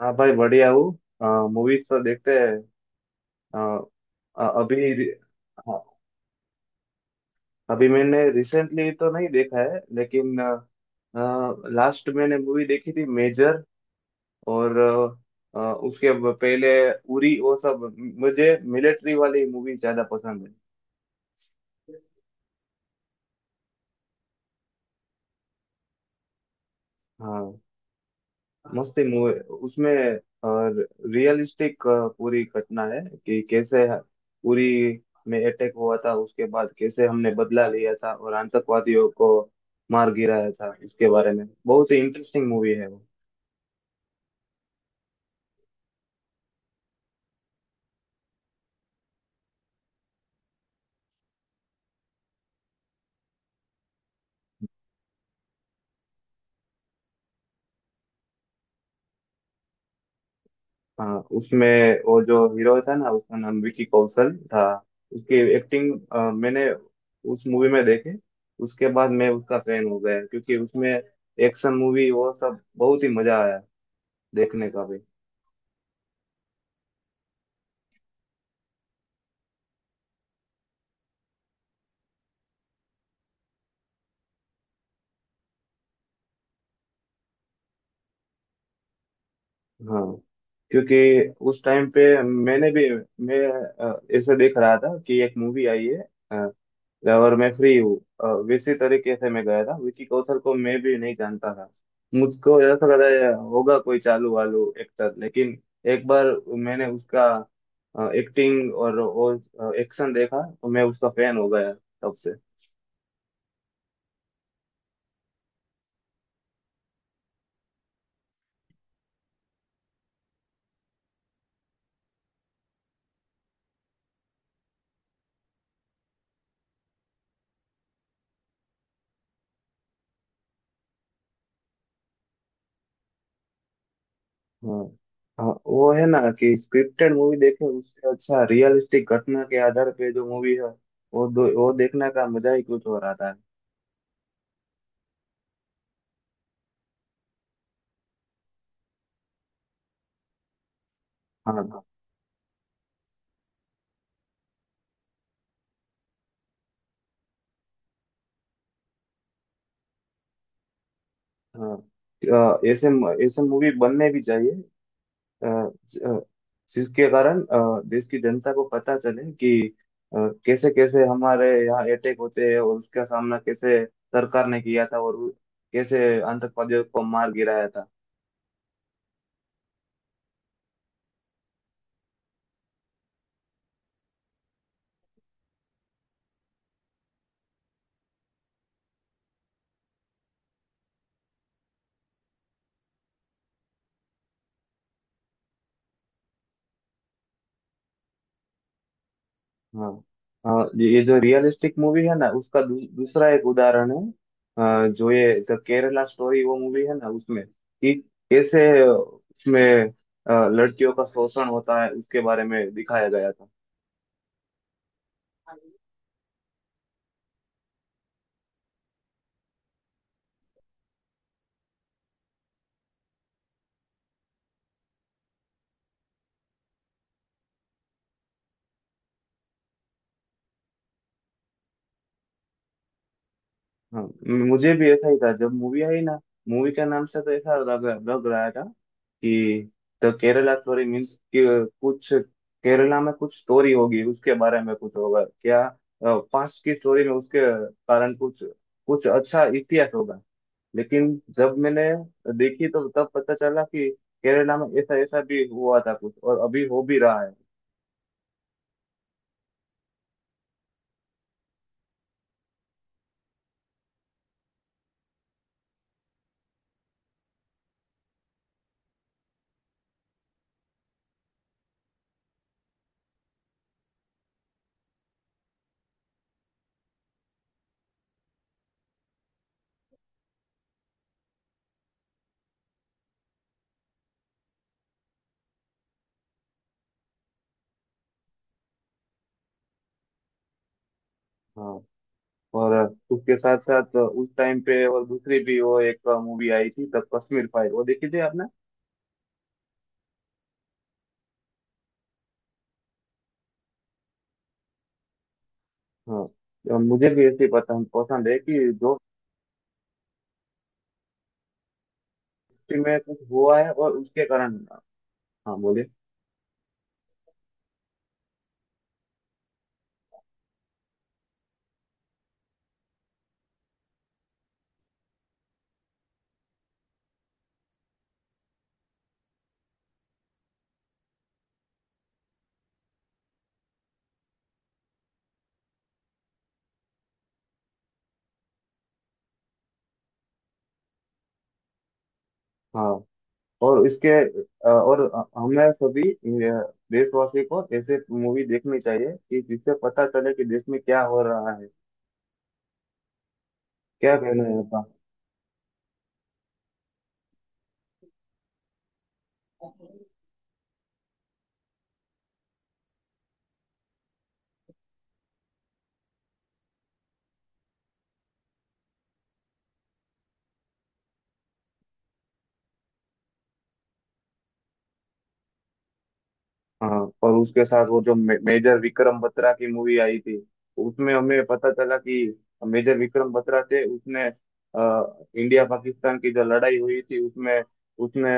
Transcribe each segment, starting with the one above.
हाँ भाई, बढ़िया हूँ। मूवीज तो देखते हैं। अ, अ- अभी रि- हाँ, अभी मैंने रिसेंटली तो नहीं देखा है, लेकिन लास्ट मैंने मूवी देखी थी मेजर। और पहले उरी वो सब। मुझे मिलिट्री वाली मूवी ज्यादा पसंद है। हाँ, मस्त ही मूवी। उसमें रियलिस्टिक पूरी घटना है कि कैसे पूरी में अटैक हुआ था, उसके बाद कैसे हमने बदला लिया था और आतंकवादियों को मार गिराया था। उसके बारे में बहुत ही इंटरेस्टिंग मूवी है वो। हाँ, उसमें वो जो हीरो था ना, उसका नाम विकी कौशल था। उसकी एक्टिंग मैंने उस मूवी में देखी। उसके बाद मैं उसका फैन हो गया, क्योंकि उसमें एक्शन मूवी वो सब बहुत ही मजा आया देखने का भी। हाँ, क्योंकि उस टाइम पे मैंने भी मैं ऐसे देख रहा था कि एक मूवी आई है। अ, और मैं फ्री हूँ। वैसे तरीके से मैं गया था, विकी कौशल को मैं भी नहीं जानता था। मुझको ऐसा लगा ये होगा कोई चालू वालू एक्टर, लेकिन एक बार मैंने उसका एक्टिंग और वो एक्शन देखा तो मैं उसका फैन हो गया तब से। हाँ हाँ, वो है ना कि स्क्रिप्टेड मूवी देखें, उससे अच्छा रियलिस्टिक घटना के आधार पे जो मूवी है वो वो देखने का मजा ही कुछ और आता है। हाँ हाँ। हाँ ऐसे ऐसे मूवी बनने भी चाहिए। अ, ज- अ, जिसके कारण देश की जनता को पता चले कि कैसे कैसे हमारे यहाँ अटैक होते हैं और उसका सामना कैसे सरकार ने किया था और कैसे आतंकवादियों को मार गिराया था। हाँ। हाँ, ये जो रियलिस्टिक मूवी है ना, उसका दूसरा एक उदाहरण है। जो ये द केरला स्टोरी वो मूवी है ना, उसमें कि कैसे उसमें लड़कियों का शोषण होता है उसके बारे में दिखाया गया था। हाँ, मुझे भी ऐसा ही था जब मूवी आई ना। मूवी का नाम से तो ऐसा लग लग रहा था कि द केरला स्टोरी मीन्स कि कुछ केरला में कुछ स्टोरी होगी, उसके बारे में कुछ होगा क्या, पास्ट की स्टोरी में उसके कारण कुछ कुछ अच्छा इतिहास होगा। लेकिन जब मैंने देखी तो तब पता चला कि केरला में ऐसा ऐसा भी हुआ था कुछ और अभी हो भी रहा है। हाँ, और उसके साथ साथ उस टाइम पे और दूसरी भी वो एक मूवी आई थी द कश्मीर फाइल, वो देखी थी आपने? हाँ, और मुझे भी ऐसी पसंद पसंद है कि दोस्ती में कुछ हुआ है और उसके कारण। हाँ बोलिए। हाँ, और इसके और हमें सभी देशवासी को ऐसे मूवी देखनी चाहिए, कि जिससे पता चले कि देश में क्या हो रहा है। क्या कहना है आपका? हाँ, और उसके साथ वो जो मेजर विक्रम बत्रा की मूवी आई थी, उसमें हमें पता चला कि मेजर विक्रम बत्रा थे, उसने इंडिया पाकिस्तान की जो लड़ाई हुई थी उसमें उसने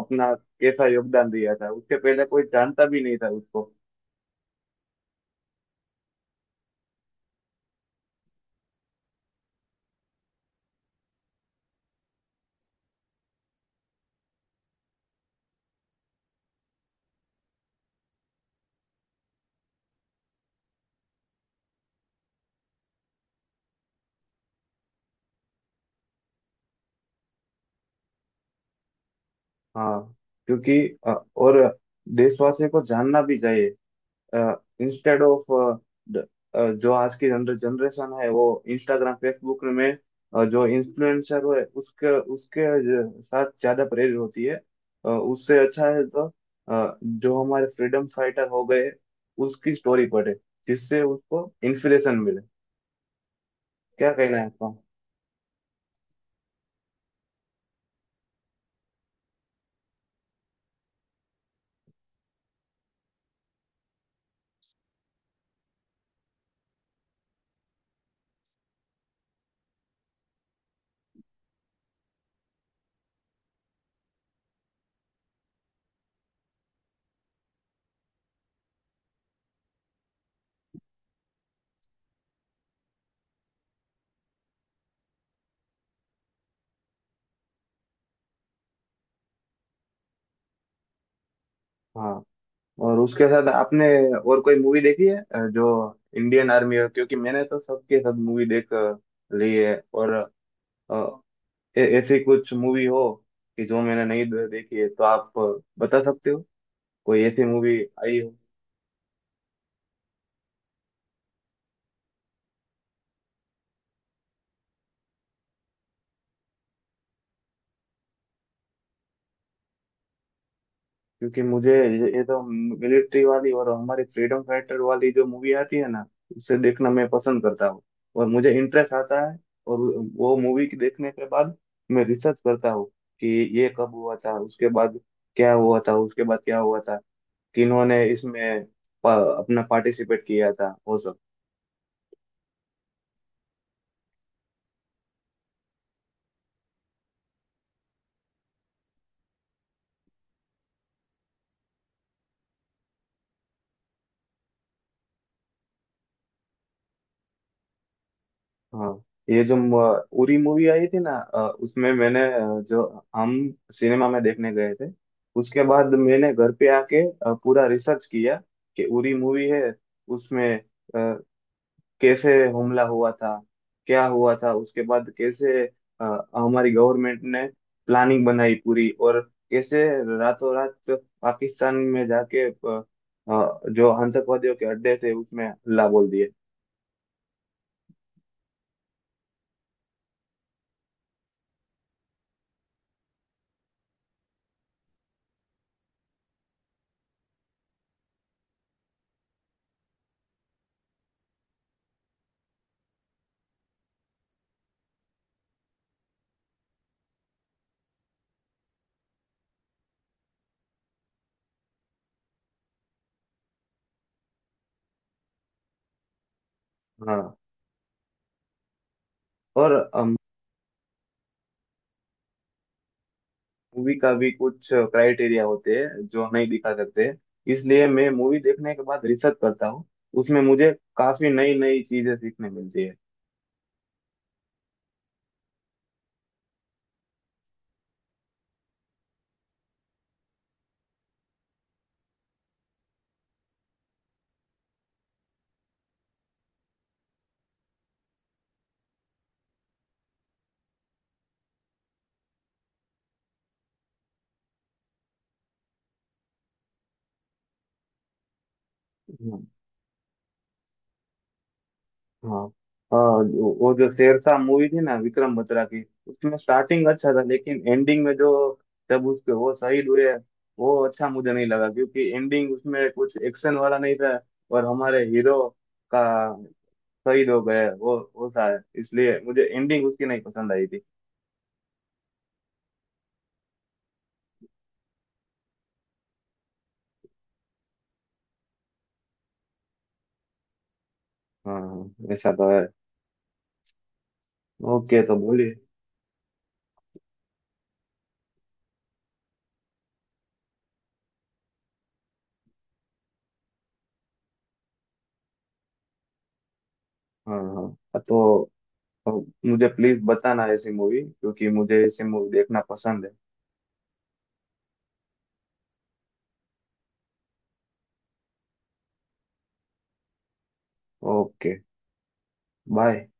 अपना कैसा योगदान दिया था, उसके पहले कोई जानता भी नहीं था उसको। हाँ, क्योंकि अ, और देशवासियों को जानना भी चाहिए। इंस्टेड ऑफ द जो आज की जनरेशन है वो इंस्टाग्राम फेसबुक में जो इन्फ्लुएंसर है उसके उसके साथ ज्यादा प्रेरित होती है। उससे अच्छा है तो जो हमारे फ्रीडम फाइटर हो गए उसकी स्टोरी पढ़े, जिससे उसको इंस्पिरेशन मिले। क्या कहना है आपका? हाँ, और उसके साथ आपने और कोई मूवी देखी है जो इंडियन आर्मी है, क्योंकि मैंने तो सबके सब मूवी ली है और uh, ऐसी कुछ मूवी हो कि जो मैंने नहीं देखी है, तो आप बता सकते हो कोई ऐसी मूवी आई हो। क्योंकि मुझे ये तो मिलिट्री वाली और हमारी फ्रीडम फाइटर वाली जो मूवी आती है ना, उसे देखना मैं पसंद करता हूँ और मुझे इंटरेस्ट आता है। और वो मूवी की देखने के बाद मैं रिसर्च करता हूँ कि ये कब हुआ था, उसके बाद क्या हुआ था, उसके बाद क्या हुआ था, किन्होंने इसमें अपना पार्टिसिपेट किया था वो सब। हाँ, ये जो उरी मूवी आई थी ना, उसमें मैंने जो हम सिनेमा में देखने गए थे, उसके बाद मैंने घर पे आके पूरा रिसर्च किया कि उरी मूवी है, उसमें अ, कैसे हमला हुआ था, क्या हुआ था उसके बाद कैसे अ, हमारी गवर्नमेंट ने प्लानिंग बनाई पूरी और कैसे रातों रात पाकिस्तान में जाके जो आतंकवादियों के अड्डे थे उसमें हल्ला बोल दिए। हाँ, और मूवी का भी कुछ क्राइटेरिया होते हैं जो नहीं दिखा सकते, इसलिए मैं मूवी देखने के बाद रिसर्च करता हूँ। उसमें मुझे काफी नई नई चीजें सीखने मिलती है। हम्म, हाँ। हाँ वो जो शेरशाह मूवी थी ना विक्रम बत्रा की, उसमें स्टार्टिंग अच्छा था लेकिन एंडिंग में जो जब उसके वो शहीद हुए, वो अच्छा मुझे नहीं लगा, क्योंकि एंडिंग उसमें कुछ एक्शन वाला नहीं था और हमारे हीरो का शहीद हो गए वो था, इसलिए मुझे एंडिंग उसकी नहीं पसंद आई थी। हाँ हाँ, ऐसा तो है। ओके, तो बोलिए। हाँ हाँ। हाँ, तो मुझे प्लीज बताना ऐसी मूवी, क्योंकि मुझे ऐसी मूवी देखना पसंद है। ओके। बाय।